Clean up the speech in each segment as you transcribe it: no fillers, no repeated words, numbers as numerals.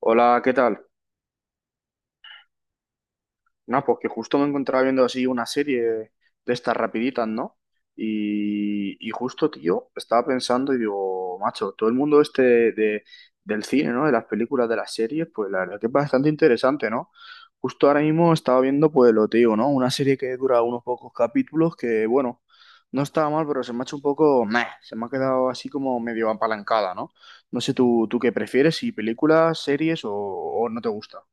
Hola, ¿qué tal? No, pues que justo me encontraba viendo así una serie de estas rapiditas, ¿no? Y justo, tío, estaba pensando y digo, macho, todo el mundo este del cine, ¿no? De las películas, de las series, pues la verdad que es bastante interesante, ¿no? Justo ahora mismo estaba viendo, pues lo te digo, ¿no? Una serie que dura unos pocos capítulos que, bueno, no estaba mal, pero se me ha hecho un poco, se me ha quedado así como medio apalancada, ¿no? No sé tú, qué prefieres, si películas, series o no te gusta.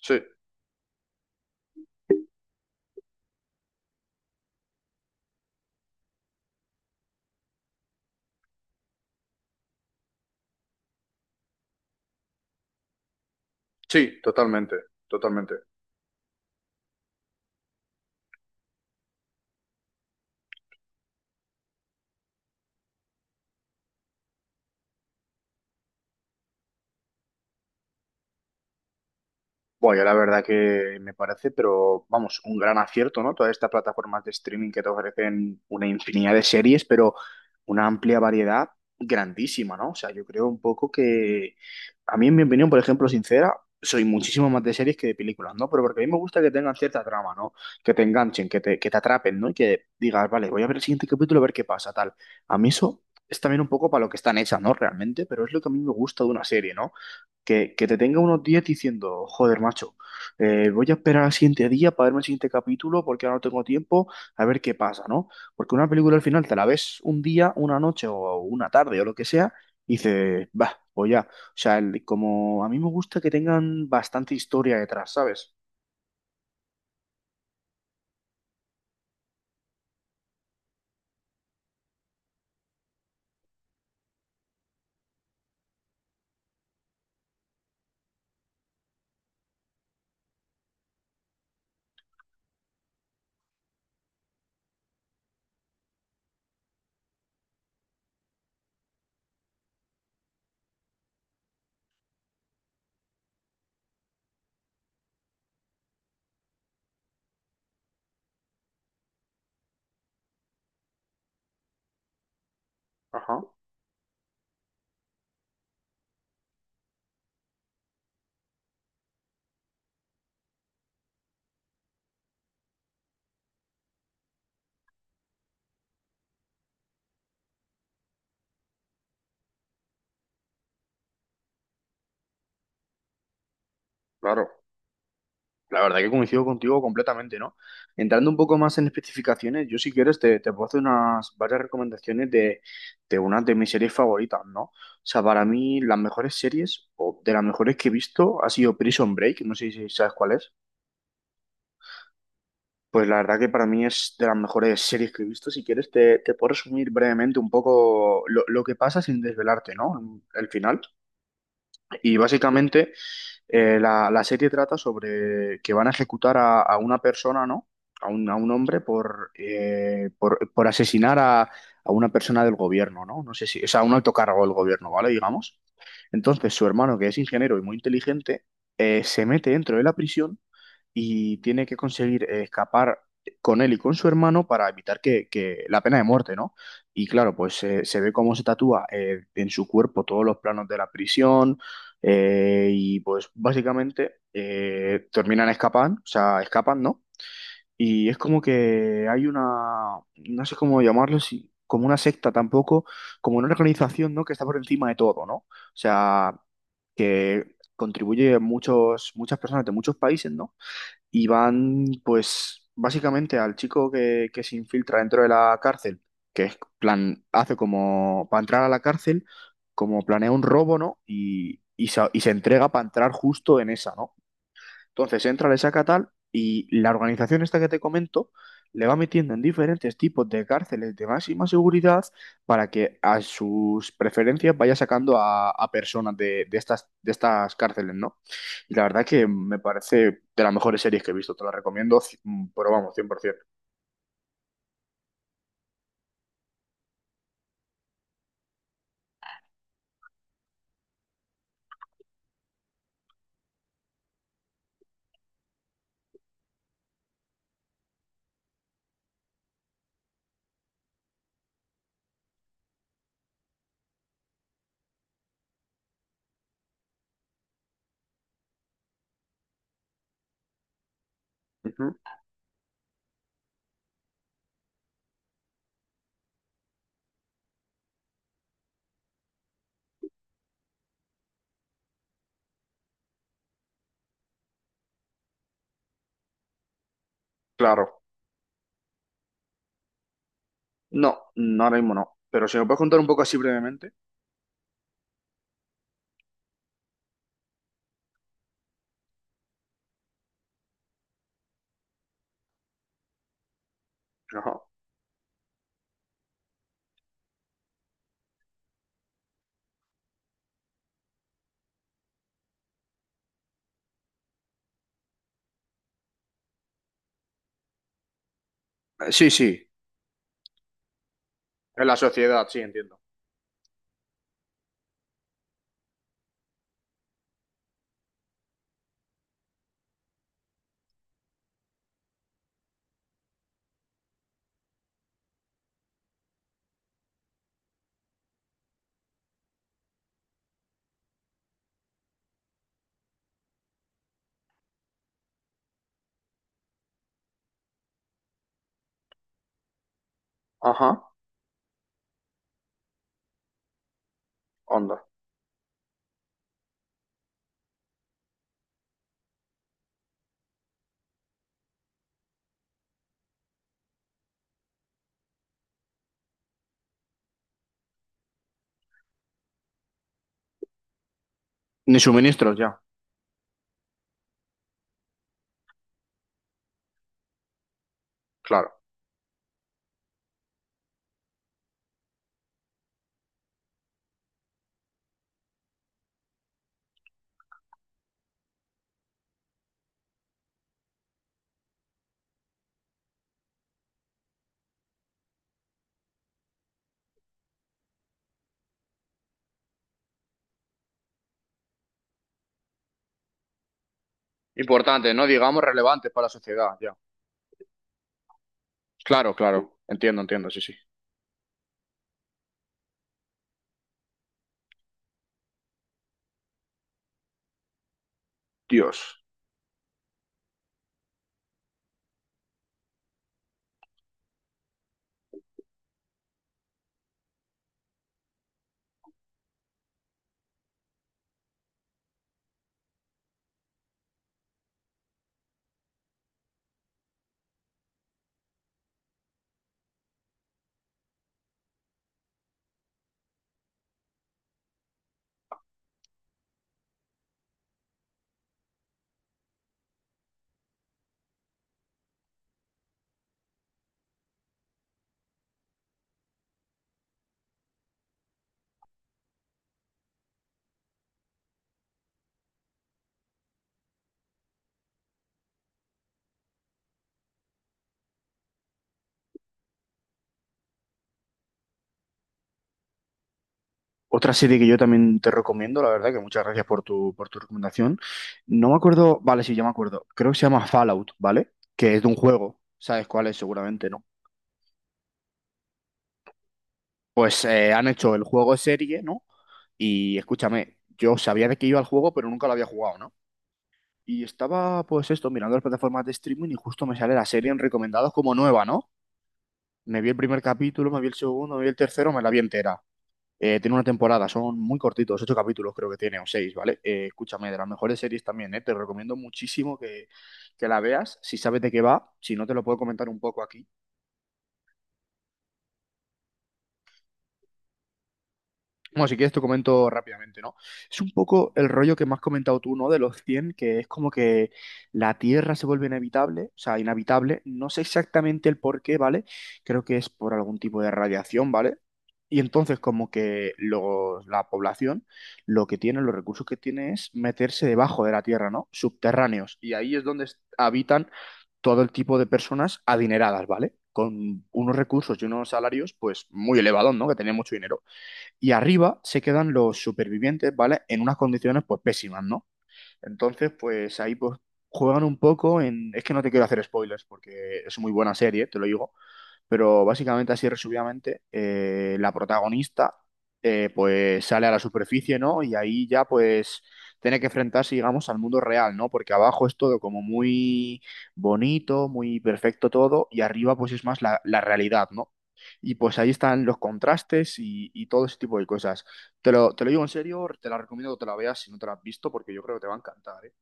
Sí. Sí, totalmente, totalmente. Bueno, yo la verdad que me parece, pero vamos, un gran acierto, ¿no? Todas estas plataformas de streaming que te ofrecen una infinidad de series, pero una amplia variedad grandísima, ¿no? O sea, yo creo un poco que, a mí en mi opinión, por ejemplo, sincera, soy muchísimo más de series que de películas, ¿no? Pero porque a mí me gusta que tengan cierta trama, ¿no? Que te enganchen, que te atrapen, ¿no? Y que digas, vale, voy a ver el siguiente capítulo a ver qué pasa, tal. A mí eso es también un poco para lo que están hechas, ¿no? Realmente, pero es lo que a mí me gusta de una serie, ¿no? Que te tenga unos días diciendo, joder, macho, voy a esperar al siguiente día para verme el siguiente capítulo porque ahora no tengo tiempo, a ver qué pasa, ¿no? Porque una película al final te la ves un día, una noche o una tarde o lo que sea, y dices, va, pues ya. O sea, como a mí me gusta que tengan bastante historia detrás, ¿sabes? Ajá, claro. La verdad que coincido contigo completamente, ¿no? Entrando un poco más en especificaciones, yo si quieres te puedo hacer unas varias recomendaciones de unas de mis series favoritas, ¿no? O sea, para mí las mejores series o de las mejores que he visto ha sido Prison Break, no sé si sabes cuál es. Pues la verdad que para mí es de las mejores series que he visto. Si quieres te puedo resumir brevemente un poco lo que pasa sin desvelarte, ¿no? El final. Y sí, básicamente la serie trata sobre que van a ejecutar a una persona, ¿no? A un hombre por, por asesinar a una persona del gobierno, ¿no? No sé si, o sea, un alto cargo del gobierno, ¿vale? Digamos. Entonces, su hermano, que es ingeniero y muy inteligente, se mete dentro de la prisión y tiene que conseguir escapar con él y con su hermano para evitar que la pena de muerte, ¿no? Y claro, pues se ve cómo se tatúa en su cuerpo todos los planos de la prisión y pues básicamente terminan escapando, o sea, escapan, ¿no? Y es como que hay una, no sé cómo llamarlo, como una secta tampoco, como una organización, ¿no? Que está por encima de todo, ¿no? O sea, que contribuye muchas personas de muchos países, ¿no? Y van, pues, básicamente al chico que se infiltra dentro de la cárcel, que es plan, hace como para entrar a la cárcel, como planea un robo, ¿no? Y se entrega para entrar justo en esa, ¿no? Entonces entra, le saca tal y la organización esta que te comento le va metiendo en diferentes tipos de cárceles de máxima seguridad para que a sus preferencias vaya sacando a personas de estas cárceles, ¿no? Y la verdad que me parece de las mejores series que he visto, te la recomiendo, pero vamos, 100%. Ujú, claro. No, no, ahora mismo no. Pero si me puedes contar un poco así brevemente. Ajá. Sí, sí, en la sociedad, sí, entiendo. Ajá, onda. Ni suministros ya, claro. Importantes ¿no? Digamos relevantes para la sociedad, ya. Claro, claro. Entiendo, entiendo, sí, sí. Dios. Otra serie que yo también te recomiendo, la verdad, que muchas gracias por tu recomendación. No me acuerdo, vale, sí, ya me acuerdo. Creo que se llama Fallout, ¿vale? Que es de un juego. ¿Sabes cuál es? Seguramente no. Pues han hecho el juego serie, ¿no? Y escúchame, yo sabía de qué iba el juego, pero nunca lo había jugado, ¿no? Y estaba, pues esto, mirando las plataformas de streaming y justo me sale la serie en recomendados como nueva, ¿no? Me vi el primer capítulo, me vi el segundo, me vi el tercero, me la vi entera. Tiene una temporada, son muy cortitos, 8 capítulos creo que tiene, o 6, ¿vale? Escúchame, de las mejores series también, ¿eh? Te recomiendo muchísimo que la veas. Si sabes de qué va, si no te lo puedo comentar un poco aquí, bueno, si quieres te comento rápidamente, ¿no? Es un poco el rollo que me has comentado tú, ¿no? De los 100 que es como que la Tierra se vuelve inhabitable, o sea, inhabitable. No sé exactamente el por qué, ¿vale? Creo que es por algún tipo de radiación, ¿vale? Y entonces como que la población lo que tiene, los recursos que tiene es meterse debajo de la Tierra, ¿no? Subterráneos. Y ahí es donde habitan todo el tipo de personas adineradas, ¿vale? Con unos recursos y unos salarios, pues, muy elevados, ¿no? Que tienen mucho dinero y arriba se quedan los supervivientes, ¿vale? En unas condiciones pues pésimas, ¿no? Entonces, pues ahí pues juegan un poco en... Es que no te quiero hacer spoilers porque es muy buena serie, te lo digo, pero básicamente, así resumidamente, la protagonista pues sale a la superficie, ¿no? Y ahí ya pues tiene que enfrentarse, digamos, al mundo real, ¿no? Porque abajo es todo como muy bonito, muy perfecto todo, y arriba pues es más la realidad, ¿no? Y pues ahí están los contrastes y todo ese tipo de cosas. Te lo digo en serio, te la recomiendo que te la veas si no te la has visto, porque yo creo que te va a encantar, ¿eh?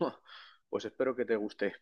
Pues espero que te guste.